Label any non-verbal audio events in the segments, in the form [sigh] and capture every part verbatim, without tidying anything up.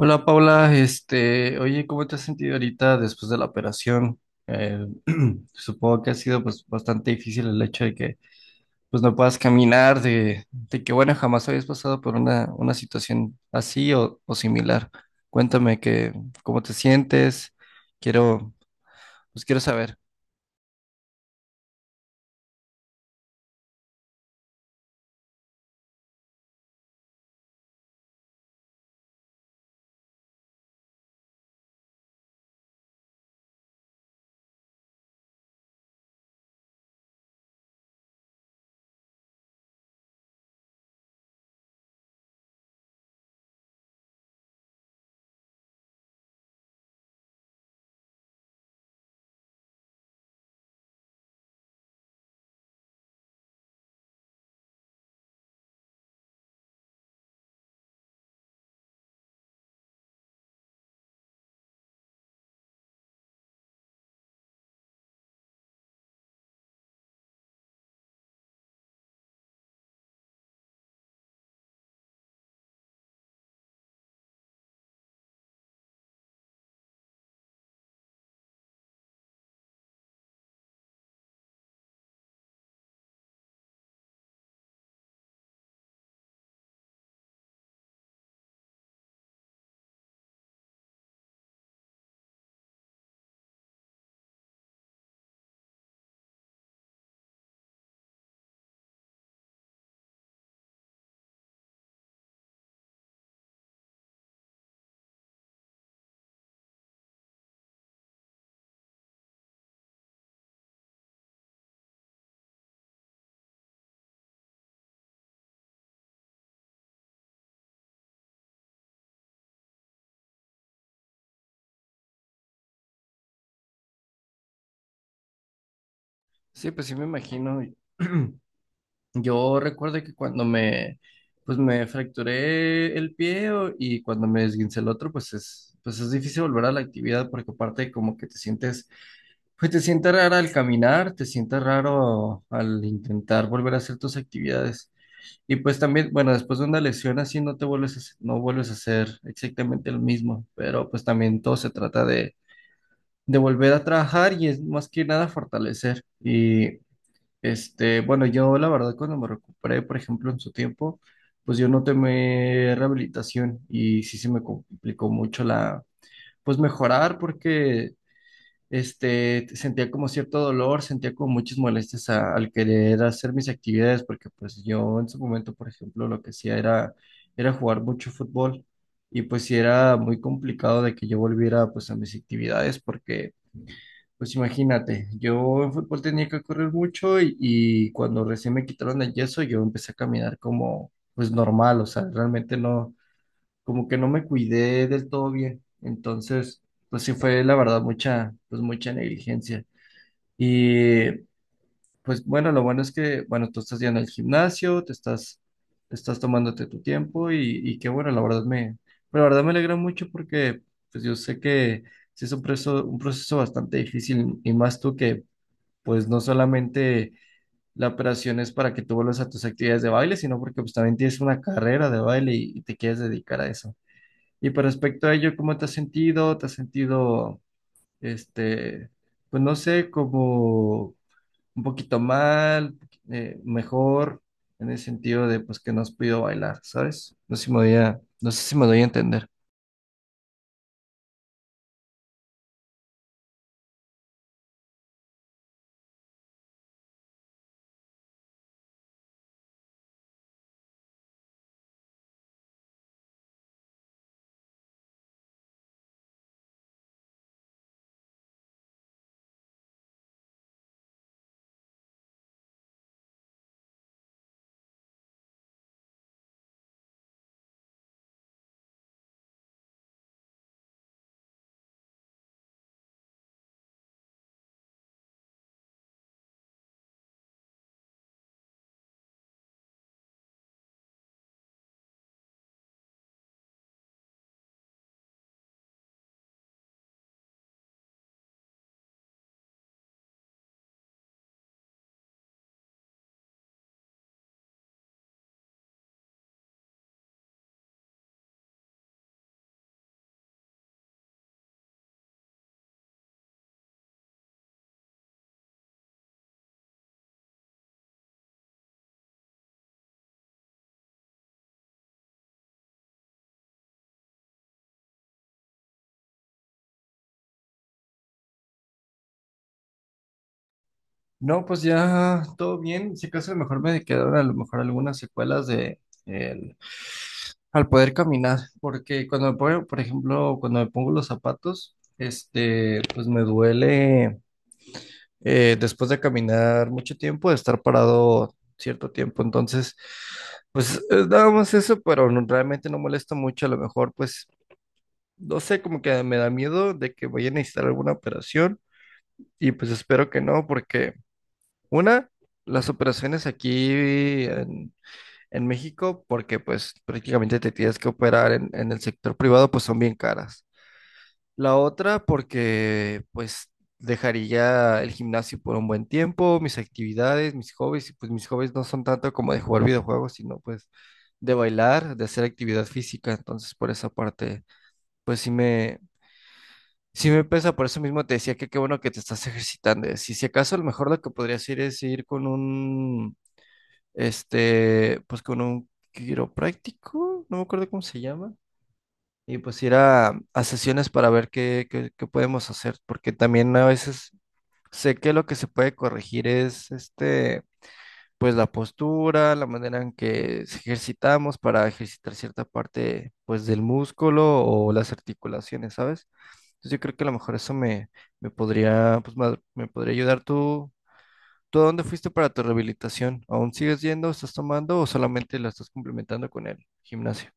Hola Paula, este, oye, ¿cómo te has sentido ahorita después de la operación? Eh, [clears throat] supongo que ha sido pues bastante difícil el hecho de que pues no puedas caminar, de, de que bueno, jamás habías pasado por una, una situación así o, o similar. Cuéntame que, cómo te sientes, quiero, pues quiero saber. Sí, pues sí me imagino. [clears throat] Yo recuerdo que cuando me, pues me fracturé el pie o- y cuando me esguincé el otro, pues es, pues es difícil volver a la actividad porque aparte como que te sientes, pues te sientes raro al caminar, te sientes raro al intentar volver a hacer tus actividades. Y pues también, bueno, después de una lesión así no te vuelves a, hacer- no vuelves a hacer exactamente lo mismo, pero pues también todo se trata de, de volver a trabajar y es más que nada fortalecer. Y este, bueno, yo la verdad cuando me recuperé, por ejemplo, en su tiempo, pues yo no tomé rehabilitación y sí se me complicó mucho la, pues mejorar porque, este, sentía como cierto dolor, sentía como muchas molestias a- al querer hacer mis actividades porque pues yo en su momento, por ejemplo, lo que hacía era, era jugar mucho fútbol y pues sí era muy complicado de que yo volviera pues a mis actividades porque pues imagínate, yo en fútbol tenía que correr mucho y, y cuando recién me quitaron el yeso yo empecé a caminar como pues normal, o sea, realmente no, como que no me cuidé del todo bien. Entonces, pues sí fue la verdad mucha, pues mucha negligencia. Y pues bueno, lo bueno es que, bueno, tú estás yendo al gimnasio, te estás, te estás tomándote tu tiempo y, y qué bueno, la verdad me, la verdad me alegra mucho porque pues yo sé que sí es un proceso, un proceso bastante difícil y más tú que pues no solamente la operación es para que tú vuelvas a tus actividades de baile, sino porque pues también tienes una carrera de baile y, y te quieres dedicar a eso. Y por respecto a ello, ¿cómo te has sentido? ¿Te has sentido, este, pues no sé, como un poquito mal, eh, mejor, en el sentido de pues que no has podido bailar, ¿sabes? No sé si me voy a, no sé si me doy a entender. No, pues ya todo bien. Si acaso a lo mejor me quedaron a lo mejor algunas secuelas de el, al poder caminar, porque cuando me pongo, por ejemplo, cuando me pongo los zapatos, este, pues me duele eh, después de caminar mucho tiempo, de estar parado cierto tiempo. Entonces, pues es nada más eso, pero no- realmente no molesta mucho. A lo mejor, pues, no sé, como que me da miedo de que vaya a necesitar alguna operación y pues espero que no, porque una, las operaciones aquí en, en México, porque pues prácticamente te tienes que operar en, en el sector privado, pues son bien caras. La otra, porque pues dejaría el gimnasio por un buen tiempo, mis actividades, mis hobbies, y pues mis hobbies no son tanto como de jugar videojuegos, sino pues de bailar, de hacer actividad física. Entonces, por esa parte, pues sí me, sí me pesa, por eso mismo te decía que qué bueno que te estás ejercitando. Si, si acaso, a lo mejor lo que podrías ir es ir con un este, pues con un quiropráctico, no me acuerdo cómo se llama, y pues ir a, a sesiones para ver qué, qué, qué podemos hacer, porque también a veces sé que lo que se puede corregir es, este, pues la postura, la manera en que se ejercitamos para ejercitar cierta parte, pues del músculo o las articulaciones, ¿sabes? Entonces yo creo que a lo mejor eso me, me podría, pues, ma- me podría ayudar. ¿Tú, ¿Tú a dónde fuiste para tu rehabilitación? ¿Aún sigues yendo, estás tomando o solamente la estás complementando con el gimnasio?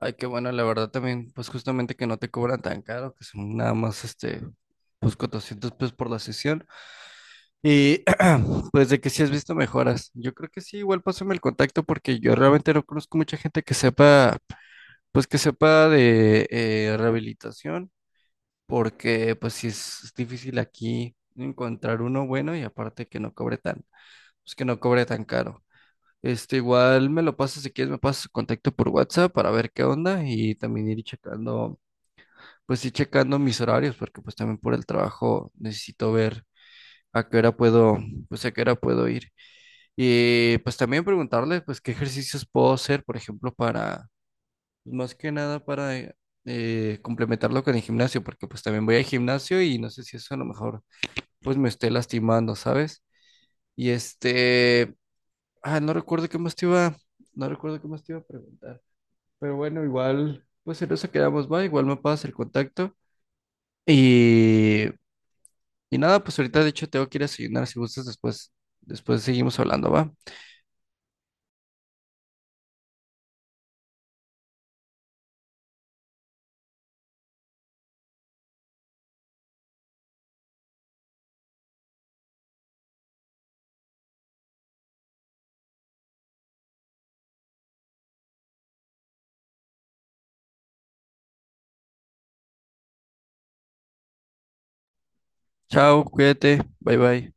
Ay, qué bueno, la verdad también, pues justamente que no te cobran tan caro, que son nada más este, pues cuatrocientos pesos por la sesión. Y [clears throat] pues de que si has visto mejoras. Yo creo que sí, igual pásame el contacto porque yo realmente no conozco mucha gente que sepa, pues que sepa de eh, rehabilitación, porque pues sí es, es difícil aquí encontrar uno bueno y aparte que no cobre tan, pues que no cobre tan caro. Este, igual me lo pasas si quieres, me pasas su contacto por WhatsApp para ver qué onda y también ir checando, pues ir checando mis horarios, porque pues también por el trabajo necesito ver a qué hora puedo, pues a qué hora puedo ir. Y pues también preguntarle, pues qué ejercicios puedo hacer, por ejemplo, para, pues, más que nada para eh, eh, complementarlo con el gimnasio, porque pues también voy al gimnasio y no sé si eso a lo mejor pues me esté lastimando, ¿sabes? Y este, ah, no recuerdo qué más te iba, no recuerdo qué más te iba a preguntar. Pero bueno, igual, pues en eso quedamos, va. Igual me pasas el contacto. Y, y nada, pues ahorita de hecho tengo que ir a desayunar. Si gustas, después, después seguimos hablando, va. Chao, cuídate. Bye bye.